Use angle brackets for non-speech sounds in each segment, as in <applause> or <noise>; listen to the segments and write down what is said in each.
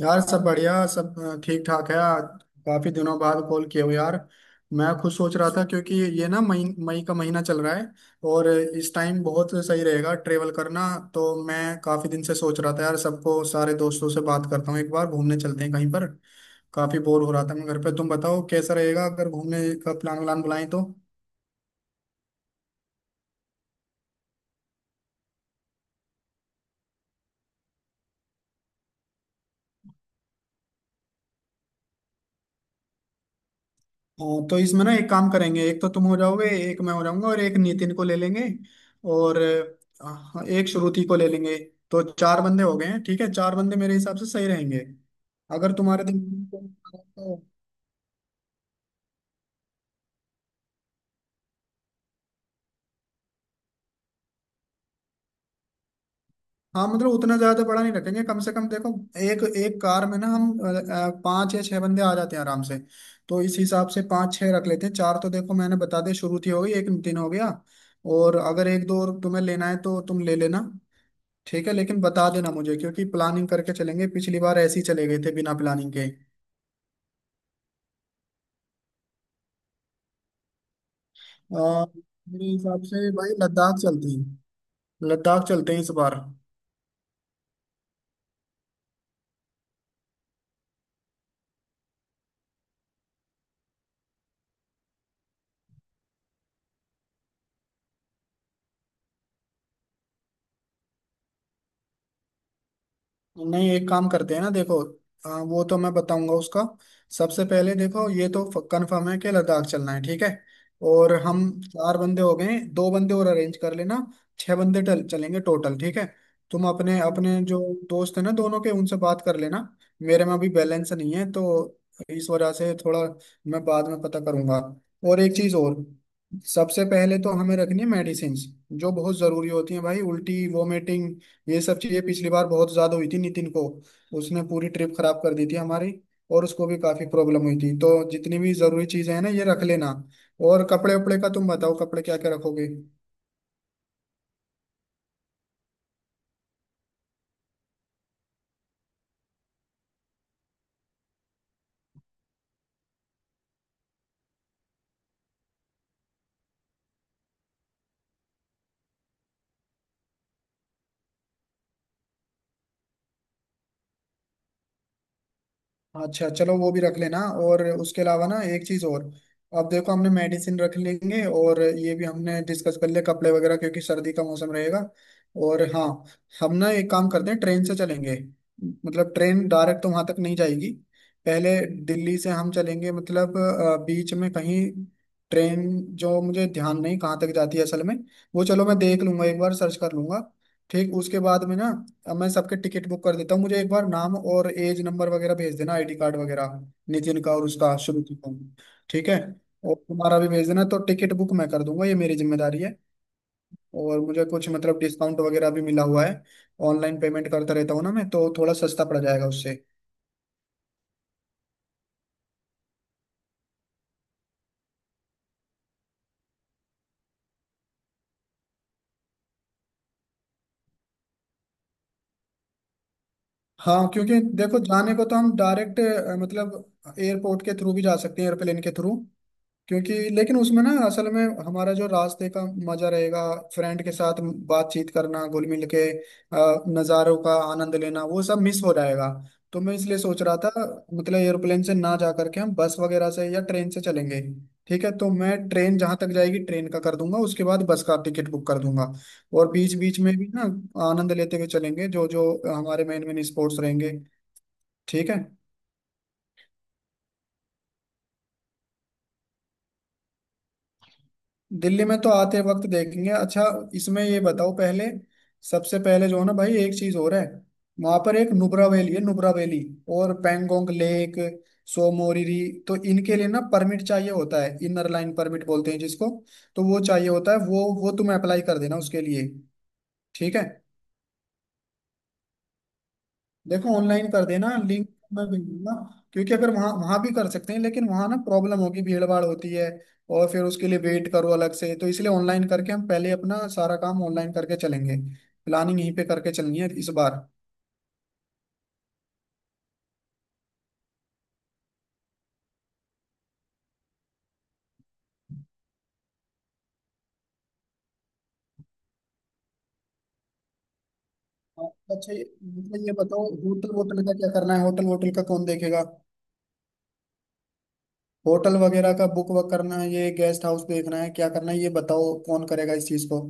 यार सब बढ़िया सब ठीक ठाक है आज। काफी दिनों बाद कॉल किया हो यार। मैं खुद सोच रहा था क्योंकि ये ना मई मई का महीना चल रहा है और इस टाइम बहुत सही रहेगा ट्रेवल करना। तो मैं काफी दिन से सोच रहा था यार, सबको सारे दोस्तों से बात करता हूँ एक बार घूमने चलते हैं कहीं पर। काफी बोर हो रहा था मैं घर पे। तुम बताओ कैसा रहेगा अगर घूमने का प्लान व्लान बुलाएं तो। हाँ तो इसमें ना एक काम करेंगे, एक तो तुम हो जाओगे, एक मैं हो जाऊंगा और एक नितिन को ले लेंगे और एक श्रुति को ले लेंगे। तो चार बंदे हो गए हैं। ठीक है, चार बंदे मेरे हिसाब से सही रहेंगे। अगर तुम्हारे दिमाग में कोई आ रहा है तो। हाँ मतलब उतना ज्यादा बड़ा नहीं रखेंगे, कम से कम देखो एक एक कार में ना हम पाँच या छह बंदे आ जाते हैं आराम से। तो इस हिसाब से पाँच छह रख लेते हैं। चार तो देखो मैंने बता दिया, श्रुति हो गई, एक नितिन हो गया। और अगर एक दो और तुम्हें लेना है तो तुम ले लेना। ठीक है, लेकिन बता देना मुझे क्योंकि प्लानिंग करके चलेंगे। पिछली बार ऐसे ही चले गए थे बिना प्लानिंग के। अ, मेरे हिसाब से भाई लद्दाख चलते हैं। लद्दाख चलते हैं इस बार। नहीं एक काम करते हैं ना देखो, वो तो मैं बताऊंगा उसका। सबसे पहले देखो ये तो कंफर्म है कि लद्दाख चलना है, ठीक है। और हम चार बंदे हो गए, दो बंदे और अरेंज कर लेना। छह बंदे चलेंगे टोटल, ठीक है। तुम अपने अपने जो दोस्त है ना दोनों के उनसे बात कर लेना। मेरे में अभी बैलेंस नहीं है तो इस वजह से थोड़ा मैं बाद में पता करूंगा। और एक चीज और, सबसे पहले तो हमें रखनी है मेडिसिन जो बहुत जरूरी होती है भाई। उल्टी वोमिटिंग ये सब चीजें पिछली बार बहुत ज्यादा हुई थी नितिन को। उसने पूरी ट्रिप खराब कर दी थी हमारी और उसको भी काफी प्रॉब्लम हुई थी। तो जितनी भी जरूरी चीजें हैं ना ये रख लेना। और कपड़े वपड़े का तुम बताओ, कपड़े क्या क्या रखोगे। अच्छा चलो वो भी रख लेना। और उसके अलावा ना एक चीज और, अब देखो हमने मेडिसिन रख लेंगे और ये भी हमने डिस्कस कर लिया कपड़े वगैरह क्योंकि सर्दी का मौसम रहेगा। और हाँ, हम ना एक काम करते हैं, ट्रेन से चलेंगे। मतलब ट्रेन डायरेक्ट तो वहां तक नहीं जाएगी। पहले दिल्ली से हम चलेंगे, मतलब बीच में कहीं ट्रेन जो मुझे ध्यान नहीं कहाँ तक जाती है असल में। वो चलो मैं देख लूंगा एक बार सर्च कर लूंगा। ठीक, उसके बाद में ना अब मैं सबके टिकट बुक कर देता हूँ। मुझे एक बार नाम और एज नंबर वगैरह भेज देना, आईडी कार्ड वगैरह, नितिन का और उसका शुरू का, ठीक है। और तुम्हारा भी भेज देना तो टिकट बुक मैं कर दूंगा, ये मेरी जिम्मेदारी है। और मुझे कुछ मतलब डिस्काउंट वगैरह भी मिला हुआ है। ऑनलाइन पेमेंट करता रहता हूँ ना मैं तो थोड़ा सस्ता पड़ जाएगा उससे। हाँ क्योंकि देखो जाने को तो हम डायरेक्ट मतलब एयरपोर्ट के थ्रू भी जा सकते हैं, एयरप्लेन के थ्रू। क्योंकि लेकिन उसमें ना असल में हमारा जो रास्ते का मजा रहेगा, फ्रेंड के साथ बातचीत करना, घुल मिल के नज़ारों का आनंद लेना, वो सब मिस हो जाएगा। तो मैं इसलिए सोच रहा था, मतलब एयरप्लेन से ना जा करके हम बस वगैरह से या ट्रेन से चलेंगे। ठीक है, तो मैं ट्रेन जहां तक जाएगी ट्रेन का कर दूंगा, उसके बाद बस का टिकट बुक कर दूंगा। और बीच बीच में भी ना आनंद लेते हुए चलेंगे, जो जो हमारे मेन मेन स्पोर्ट्स रहेंगे, ठीक है। दिल्ली में तो आते वक्त देखेंगे। अच्छा, इसमें ये बताओ, पहले सबसे पहले जो है ना भाई, एक चीज और है, वहां पर एक नुब्रा वैली है, नुब्रा वैली और पेंगोंग लेक, सोमोरिरी। तो इनके लिए ना परमिट चाहिए होता है, इनर लाइन परमिट बोलते हैं जिसको। तो वो चाहिए होता है, वो तुम अप्लाई कर देना उसके लिए, ठीक है। देखो ऑनलाइन कर देना, लिंक मैं भेज दूंगा। क्योंकि अगर वहाँ वहाँ भी कर सकते हैं, लेकिन वहाँ ना प्रॉब्लम होगी, भीड़ भाड़ होती है। और फिर उसके लिए वेट करो अलग से, तो इसलिए ऑनलाइन करके हम पहले अपना सारा काम ऑनलाइन करके चलेंगे। प्लानिंग यहीं पे करके चलनी है इस बार। अच्छा ये मतलब ये बताओ, होटल वोटल का क्या करना है, होटल वोटल का कौन देखेगा। होटल वगैरह का बुक वक करना है, ये गेस्ट हाउस देखना है, क्या करना है, ये बताओ कौन करेगा इस चीज को।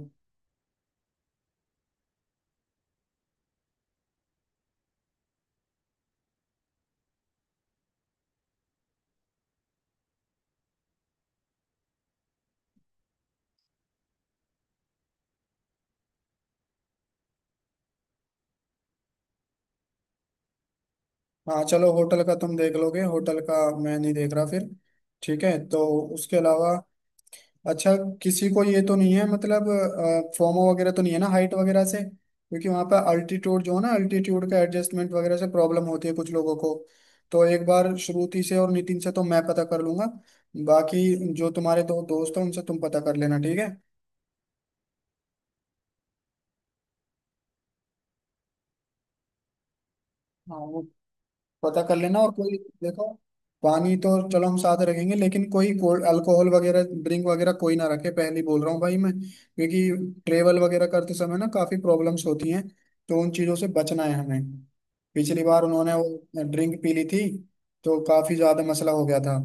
हाँ चलो, होटल का तुम देख लोगे होटल का, मैं नहीं देख रहा फिर, ठीक है। तो उसके अलावा, अच्छा, किसी को ये तो नहीं है मतलब फोमो वगैरह तो नहीं है ना हाइट वगैरह से, क्योंकि वहां पर अल्टीट्यूड जो है ना, अल्टीट्यूड का एडजस्टमेंट वगैरह से प्रॉब्लम होती है कुछ लोगों को। तो एक बार श्रुति से और नितिन से तो मैं पता कर लूंगा, बाकी जो तुम्हारे दो दोस्त हैं उनसे तुम पता कर लेना, ठीक है। हाँ पता कर लेना। और कोई, देखो पानी तो चलो हम साथ रखेंगे, लेकिन कोई अल्कोहल वगैरह, ड्रिंक वगैरह कोई ना रखे, पहले ही बोल रहा हूँ भाई मैं, क्योंकि ट्रेवल वगैरह करते समय ना काफी प्रॉब्लम्स होती हैं। तो उन चीजों से बचना है हमें। पिछली बार उन्होंने वो ड्रिंक पी ली थी तो काफी ज्यादा मसला हो गया था।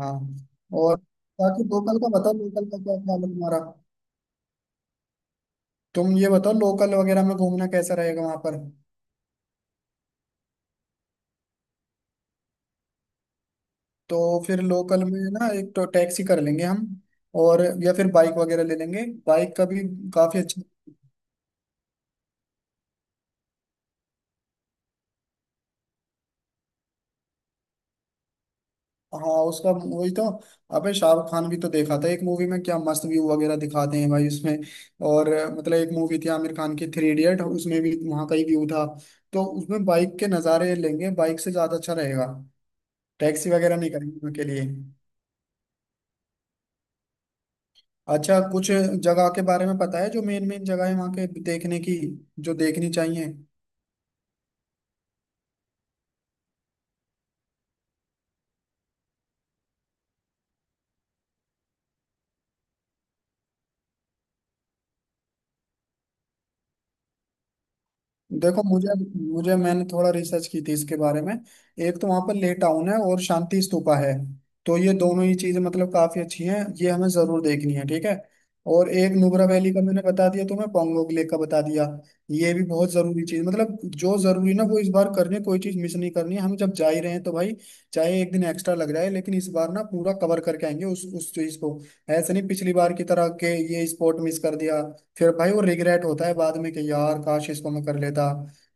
हाँ। और बाकी लोकल का बताओ, लोकल का क्या ख्याल है तुम्हारा। तुम ये बताओ लोकल वगैरह में घूमना कैसा रहेगा वहां पर। तो फिर लोकल में ना एक तो टैक्सी कर लेंगे हम, और या फिर बाइक वगैरह ले लेंगे, बाइक का भी काफी अच्छा। हाँ, उसका वही तो, अबे शाहरुख खान भी तो देखा था एक मूवी में, क्या मस्त व्यू वगैरह दिखाते हैं भाई उसमें। और मतलब एक मूवी थी आमिर खान की, थ्री इडियट, उसमें भी वहाँ का ही व्यू था। तो उसमें बाइक के नज़ारे लेंगे, बाइक से ज़्यादा अच्छा रहेगा, टैक्सी वगैरह नहीं करेंगे उनके लिए। अच्छा कुछ जगह के बारे में पता है, जो मेन मेन जगह है वहाँ के देखने की, जो देखनी चाहिए। देखो मुझे मुझे मैंने थोड़ा रिसर्च की थी इसके बारे में। एक तो वहां पर ले टाउन है और शांति स्तूपा है। तो ये दोनों ही चीजें मतलब काफी अच्छी हैं, ये हमें जरूर देखनी है, ठीक है। और एक नुब्रा वैली का मैंने बता दिया तुम्हें, पोंगोंग लेक का बता दिया, ये भी बहुत जरूरी चीज। मतलब जो जरूरी ना वो इस बार करनी, कोई चीज मिस नहीं करनी है हम जब जा ही रहे हैं तो भाई। चाहे एक दिन एक्स्ट्रा लग जाए, लेकिन इस बार ना पूरा कवर करके आएंगे उस चीज को। ऐसे नहीं पिछली बार की तरह के ये स्पॉट मिस कर दिया, फिर भाई वो रिग्रेट होता है बाद में कि यार काश इसको मैं कर लेता।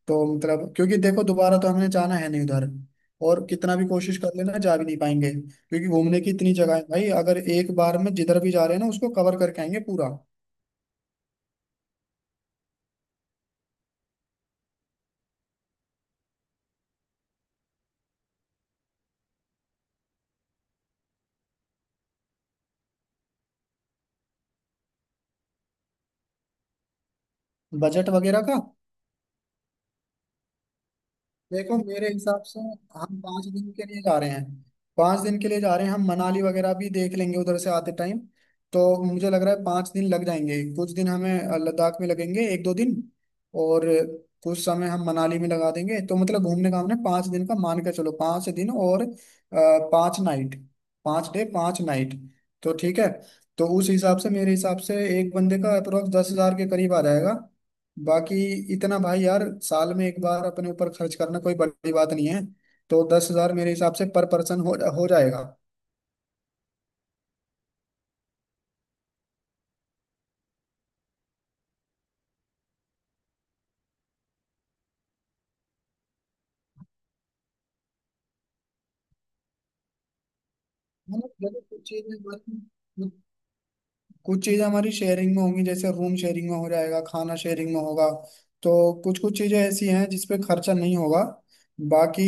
तो मतलब क्योंकि देखो दोबारा तो हमने जाना है नहीं उधर, और कितना भी कोशिश कर लेना जा भी नहीं पाएंगे, क्योंकि घूमने की इतनी जगह है भाई। अगर एक बार में जिधर भी जा रहे हैं ना उसको कवर करके आएंगे पूरा। बजट वगैरह का देखो मेरे हिसाब से, हम 5 दिन के लिए जा रहे हैं। 5 दिन के लिए जा रहे हैं हम, मनाली वगैरह भी देख लेंगे उधर से आते टाइम। तो मुझे लग रहा है 5 दिन लग जाएंगे, कुछ दिन हमें लद्दाख में लगेंगे 1 2 दिन, और कुछ समय हम मनाली में लगा देंगे। तो मतलब घूमने का हमने 5 दिन का मान के, चलो 5 दिन और 5 नाइट, 5 डे 5 नाइट, तो ठीक है। तो उस हिसाब से, मेरे हिसाब से एक बंदे का अप्रोक्स 10,000 के करीब आ जाएगा। बाकी इतना भाई, यार साल में एक बार अपने ऊपर खर्च करना कोई बड़ी बात नहीं है। तो 10,000 मेरे हिसाब से पर पर्सन हो जाएगा। मतलब जैसे कुछ चीजें हमारी शेयरिंग में होंगी, जैसे रूम शेयरिंग में हो जाएगा, खाना शेयरिंग में होगा। तो कुछ कुछ चीजें ऐसी हैं जिस पे खर्चा नहीं होगा। बाकी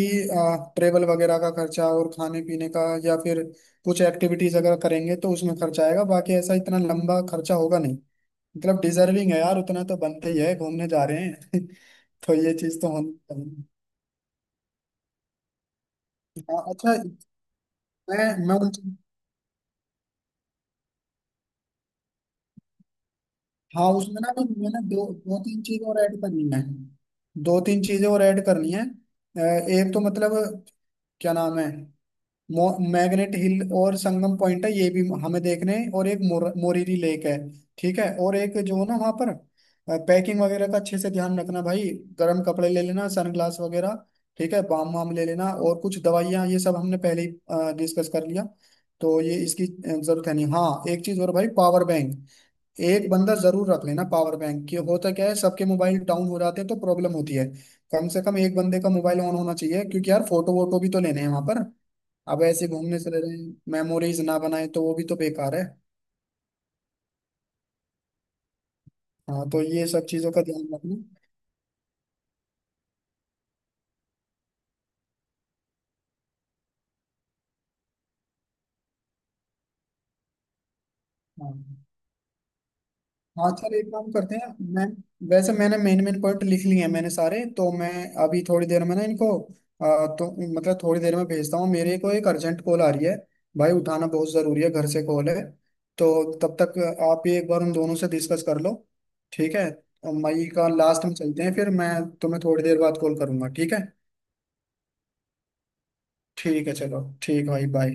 ट्रेवल वगैरह का खर्चा और खाने पीने का, या फिर कुछ एक्टिविटीज अगर करेंगे तो उसमें खर्चा आएगा, बाकी ऐसा इतना लंबा खर्चा होगा नहीं। मतलब डिजर्विंग है यार, उतना तो बनते ही है, घूमने जा रहे हैं <laughs> तो ये चीज तो होनी चाहिए। हाँ, अच्छा, मैं उन। हाँ उसमें ना भी मैंने दो दो तीन चीजें और ऐड करनी है, दो तीन चीजें और ऐड करनी है। एक तो मतलब क्या नाम है, मैग्नेट हिल और संगम पॉइंट है, ये भी हमें देखने हैं, और एक मोरीरी लेक है, ठीक है। और एक जो ना वहाँ पर पैकिंग वगैरह का अच्छे से ध्यान रखना भाई, गर्म कपड़े ले लेना, सनग्लास वगैरह, ठीक है, बाम वाम ले लेना और कुछ दवाइयाँ, ये सब हमने पहले ही डिस्कस कर लिया। तो ये इसकी जरूरत है नहीं। हाँ एक चीज और भाई, पावर बैंक एक बंदा जरूर रख लेना पावर बैंक, कि होता क्या है सबके मोबाइल डाउन हो जाते हैं तो प्रॉब्लम होती है। कम से कम एक बंदे का मोबाइल ऑन होना चाहिए, क्योंकि यार फोटो वोटो भी तो लेने हैं वहां पर। अब ऐसे घूमने चले रहे हैं, मेमोरीज ना बनाए तो वो भी तो बेकार है। हाँ तो ये सब चीजों का ध्यान रखना। हाँ हाँ चल एक काम करते हैं, मैं, वैसे मैंने मेन मेन पॉइंट लिख लिए हैं मैंने सारे, तो मैं अभी थोड़ी देर में ना इनको, तो मतलब थोड़ी देर में भेजता हूँ। मेरे को एक अर्जेंट कॉल आ रही है भाई, उठाना बहुत जरूरी है, घर से कॉल है, तो तब तक आप ये एक बार उन दोनों से डिस्कस कर लो, ठीक है। और मई का लास्ट में चलते हैं, फिर मैं तुम्हें थोड़ी देर बाद कॉल करूंगा, ठीक है। ठीक है चलो, ठीक है भाई, बाय।